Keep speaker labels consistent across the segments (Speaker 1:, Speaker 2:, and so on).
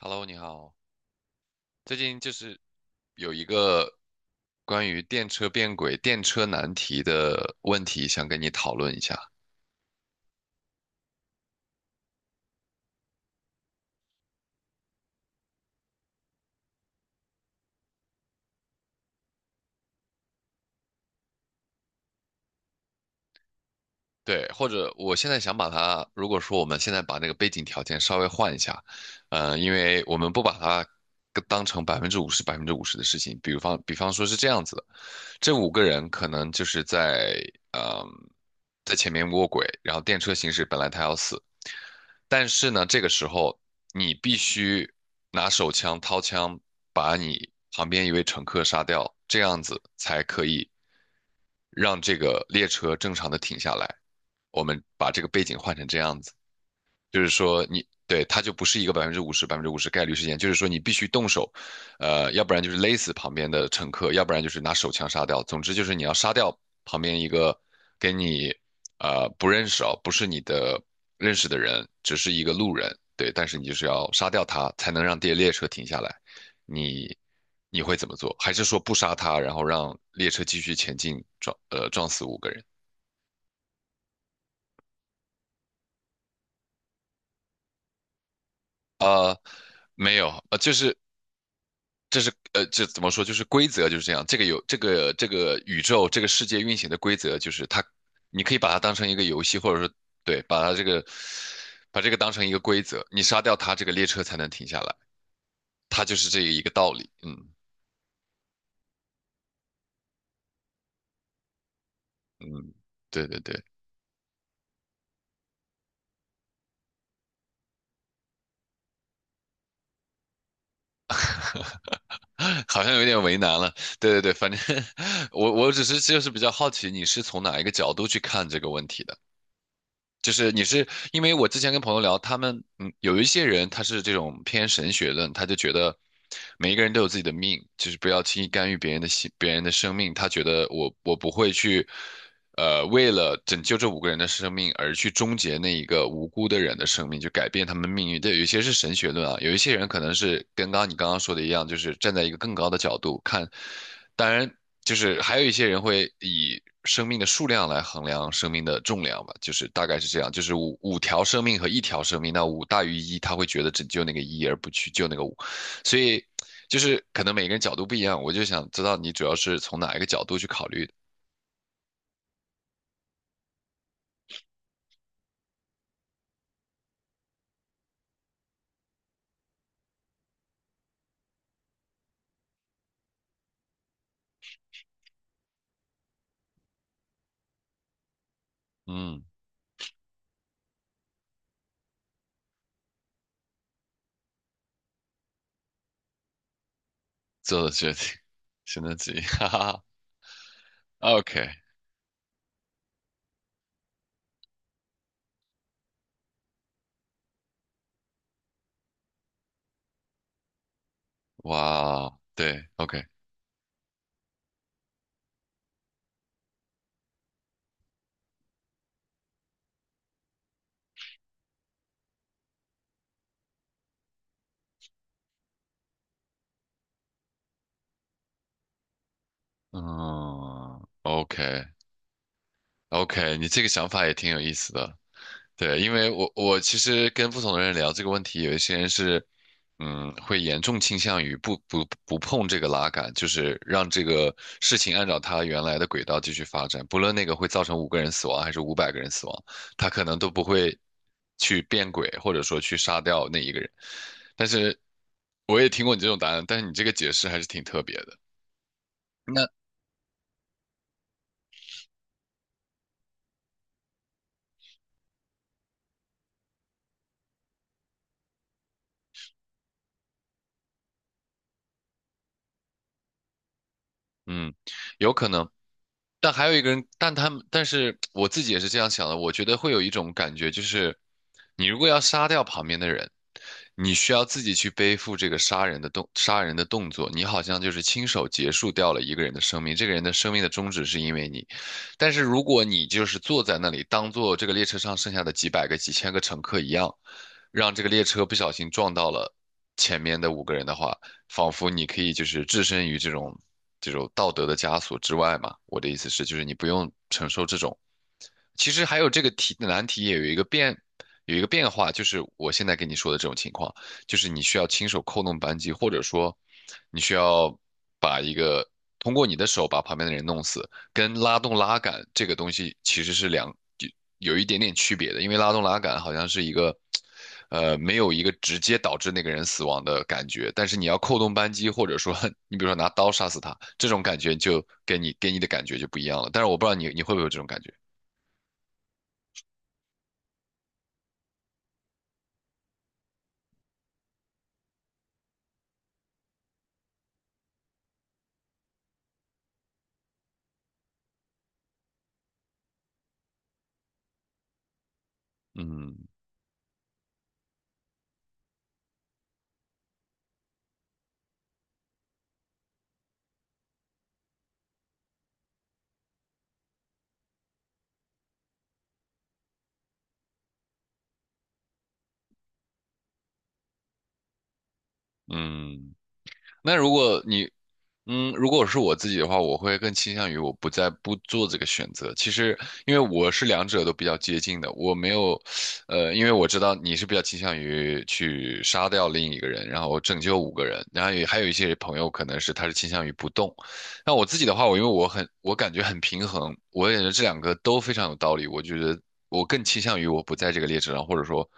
Speaker 1: Hello，你好。最近就是有一个关于电车变轨、电车难题的问题，想跟你讨论一下。对，或者我现在想把它，如果说我们现在把那个背景条件稍微换一下，因为我们不把它跟当成百分之五十、百分之五十的事情，比方说是这样子的，这五个人可能就是在嗯、在前面卧轨，然后电车行驶本来他要死，但是呢，这个时候你必须拿手枪掏枪把你旁边一位乘客杀掉，这样子才可以让这个列车正常的停下来。我们把这个背景换成这样子。就是说你对它就不是一个百分之五十百分之五十概率事件，就是说你必须动手，要不然就是勒死旁边的乘客，要不然就是拿手枪杀掉。总之就是你要杀掉旁边一个跟你不认识哦，不是你的认识的人，只是一个路人，对，但是你就是要杀掉他，才能让列车停下来。你你会怎么做？还是说不杀他，然后让列车继续前进，撞死五个人？呃，没有，就是这是这怎么说？就是规则就是这样。这个有这个宇宙这个世界运行的规则，就是它，你可以把它当成一个游戏，或者说对，把它这个把这个当成一个规则。你杀掉它，这个列车才能停下来。它就是这一个道理。嗯嗯，对对对，好像有点为难了。对对对，反正 我只是就是比较好奇，你是从哪一个角度去看这个问题的？就是你是因为我之前跟朋友聊，他们嗯有一些人他是这种偏神学论，他就觉得每一个人都有自己的命，就是不要轻易干预别人的心，别人的生命。他觉得我不会去。为了拯救这五个人的生命而去终结那一个无辜的人的生命，就改变他们命运。对，有一些是神学论啊，有一些人可能是跟刚刚你刚刚说的一样，就是站在一个更高的角度看。当然，就是还有一些人会以生命的数量来衡量生命的重量吧，就是大概是这样，就是五条生命和一条生命，那五大于一，他会觉得拯救那个一而不去救那个五，所以就是可能每个人角度不一样，我就想知道你主要是从哪一个角度去考虑的。嗯做的决定，选择题，哈哈哈。OK，哇，对，OK，嗯，OK，OK，你这个想法也挺有意思的。对，因为我其实跟不同的人聊这个问题，有一些人是嗯，会严重倾向于不碰这个拉杆，就是让这个事情按照它原来的轨道继续发展，不论那个会造成五个人死亡还是500个人死亡，他可能都不会去变轨，或者说去杀掉那一个人。但是我也听过你这种答案，但是你这个解释还是挺特别的。那嗯，有可能。但还有一个人，但他们，但是我自己也是这样想的。我觉得会有一种感觉，就是你如果要杀掉旁边的人，你需要自己去背负这个杀人的动作，你好像就是亲手结束掉了一个人的生命。这个人的生命的终止是因为你，但是如果你就是坐在那里，当做这个列车上剩下的几百个、几千个乘客一样，让这个列车不小心撞到了。前面的五个人的话，仿佛你可以就是置身于这种道德的枷锁之外嘛。我的意思是，就是你不用承受这种其实还有这个题的难题也有一个变，有一个变化，就是我现在跟你说的这种情况，就是你需要亲手扣动扳机，或者说你需要把一个通过你的手把旁边的人弄死，跟拉动拉杆这个东西其实是有一点点区别的，因为拉动拉杆好像是一个没有一个直接导致那个人死亡的感觉，但是你要扣动扳机，或者说 你比如说拿刀杀死他，这种感觉就给你的感觉就不一样了。但是我不知道你会不会有这种感觉，嗯。嗯，那如果你，嗯，如果是我自己的话，我会更倾向于我不做这个选择。其实，因为我是两者都比较接近的，我没有，因为我知道你是比较倾向于去杀掉另一个人，然后拯救五个人，然后也还有一些朋友可能是他是倾向于不动。那我自己的话，我因为我很，我感觉很平衡，我也觉得这两个都非常有道理。我觉得我更倾向于我不在这个列车上，或者说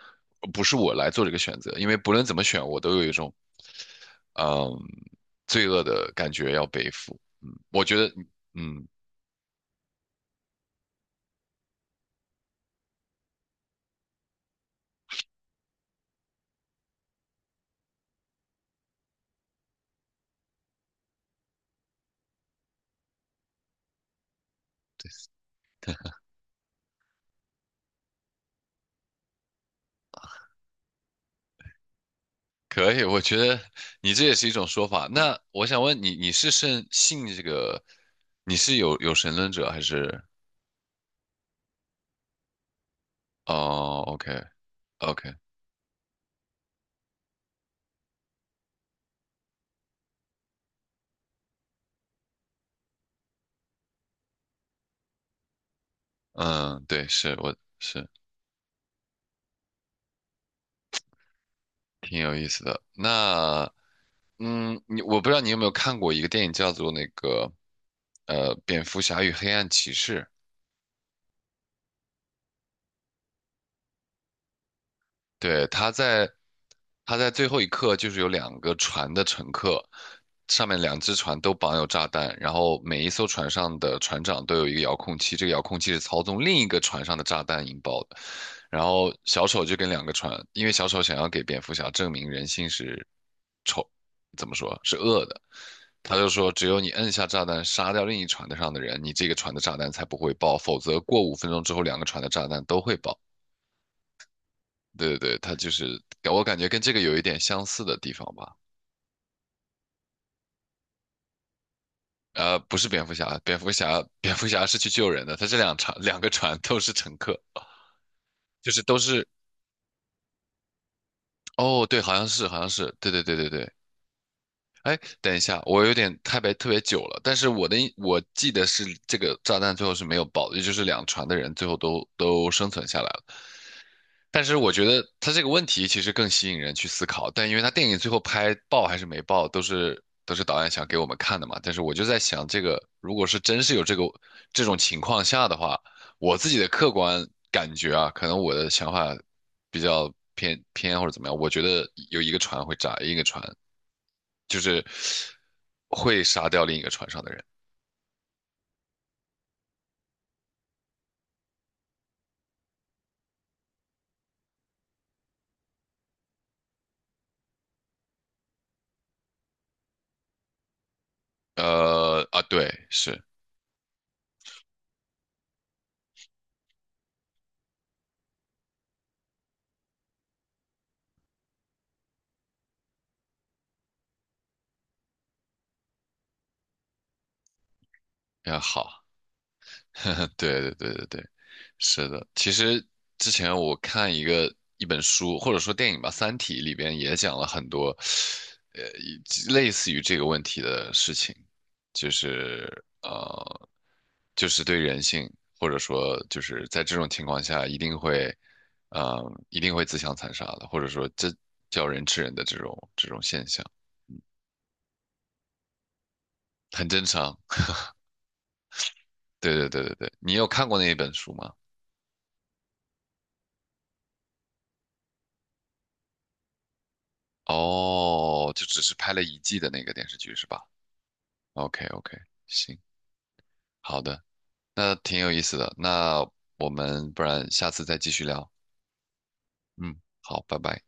Speaker 1: 不是我来做这个选择，因为不论怎么选，我都有一种嗯，罪恶的感觉要背负。嗯，我觉得，嗯，可以，我觉得你这也是一种说法。那我想问你，你是信这个，你是有神论者还是？哦，OK OK，嗯，对，是我是挺有意思的。那嗯，你我不知道你有没有看过一个电影叫做那个《蝙蝠侠与黑暗骑士》。对，他在最后一刻就是有两个船的乘客，上面两只船都绑有炸弹，然后每一艘船上的船长都有一个遥控器，这个遥控器是操纵另一个船上的炸弹引爆的。然后小丑就跟两个船，因为小丑想要给蝙蝠侠证明人性是丑，怎么说是恶的，他就说只有你摁下炸弹杀掉另一船的上的人，你这个船的炸弹才不会爆，否则过5分钟之后两个船的炸弹都会爆。对对对，它就是我感觉跟这个有一点相似的地方吧。不是蝙蝠侠，蝙蝠侠是去救人的，他这两个船都是乘客，就是都是哦，对，好像是好像是，对对对对对。哎，等一下，我有点太别特别久了，但是我的印我记得是这个炸弹最后是没有爆的，也就是两船的人最后都生存下来了。但是我觉得他这个问题其实更吸引人去思考，但因为他电影最后拍爆还是没爆，都是导演想给我们看的嘛。但是我就在想，这个如果是真是有这种情况下的话，我自己的客观感觉啊，可能我的想法比较偏或者怎么样，我觉得有一个船会炸，一个船就是会杀掉另一个船上的人。呃啊，对，是，嗯，好，对对对对对。是的，其实之前我看一本书，或者说电影吧，《三体》里边也讲了很多，以类似于这个问题的事情，就是就是对人性，或者说就是在这种情况下，一定会，嗯，一定会自相残杀的，或者说这叫人吃人的这种现象，很正常。对对对对对，你有看过那一本书吗？哦，就只是拍了一季的那个电视剧是吧？OK OK，行，好的，那挺有意思的，那我们不然下次再继续聊。嗯，好，拜拜。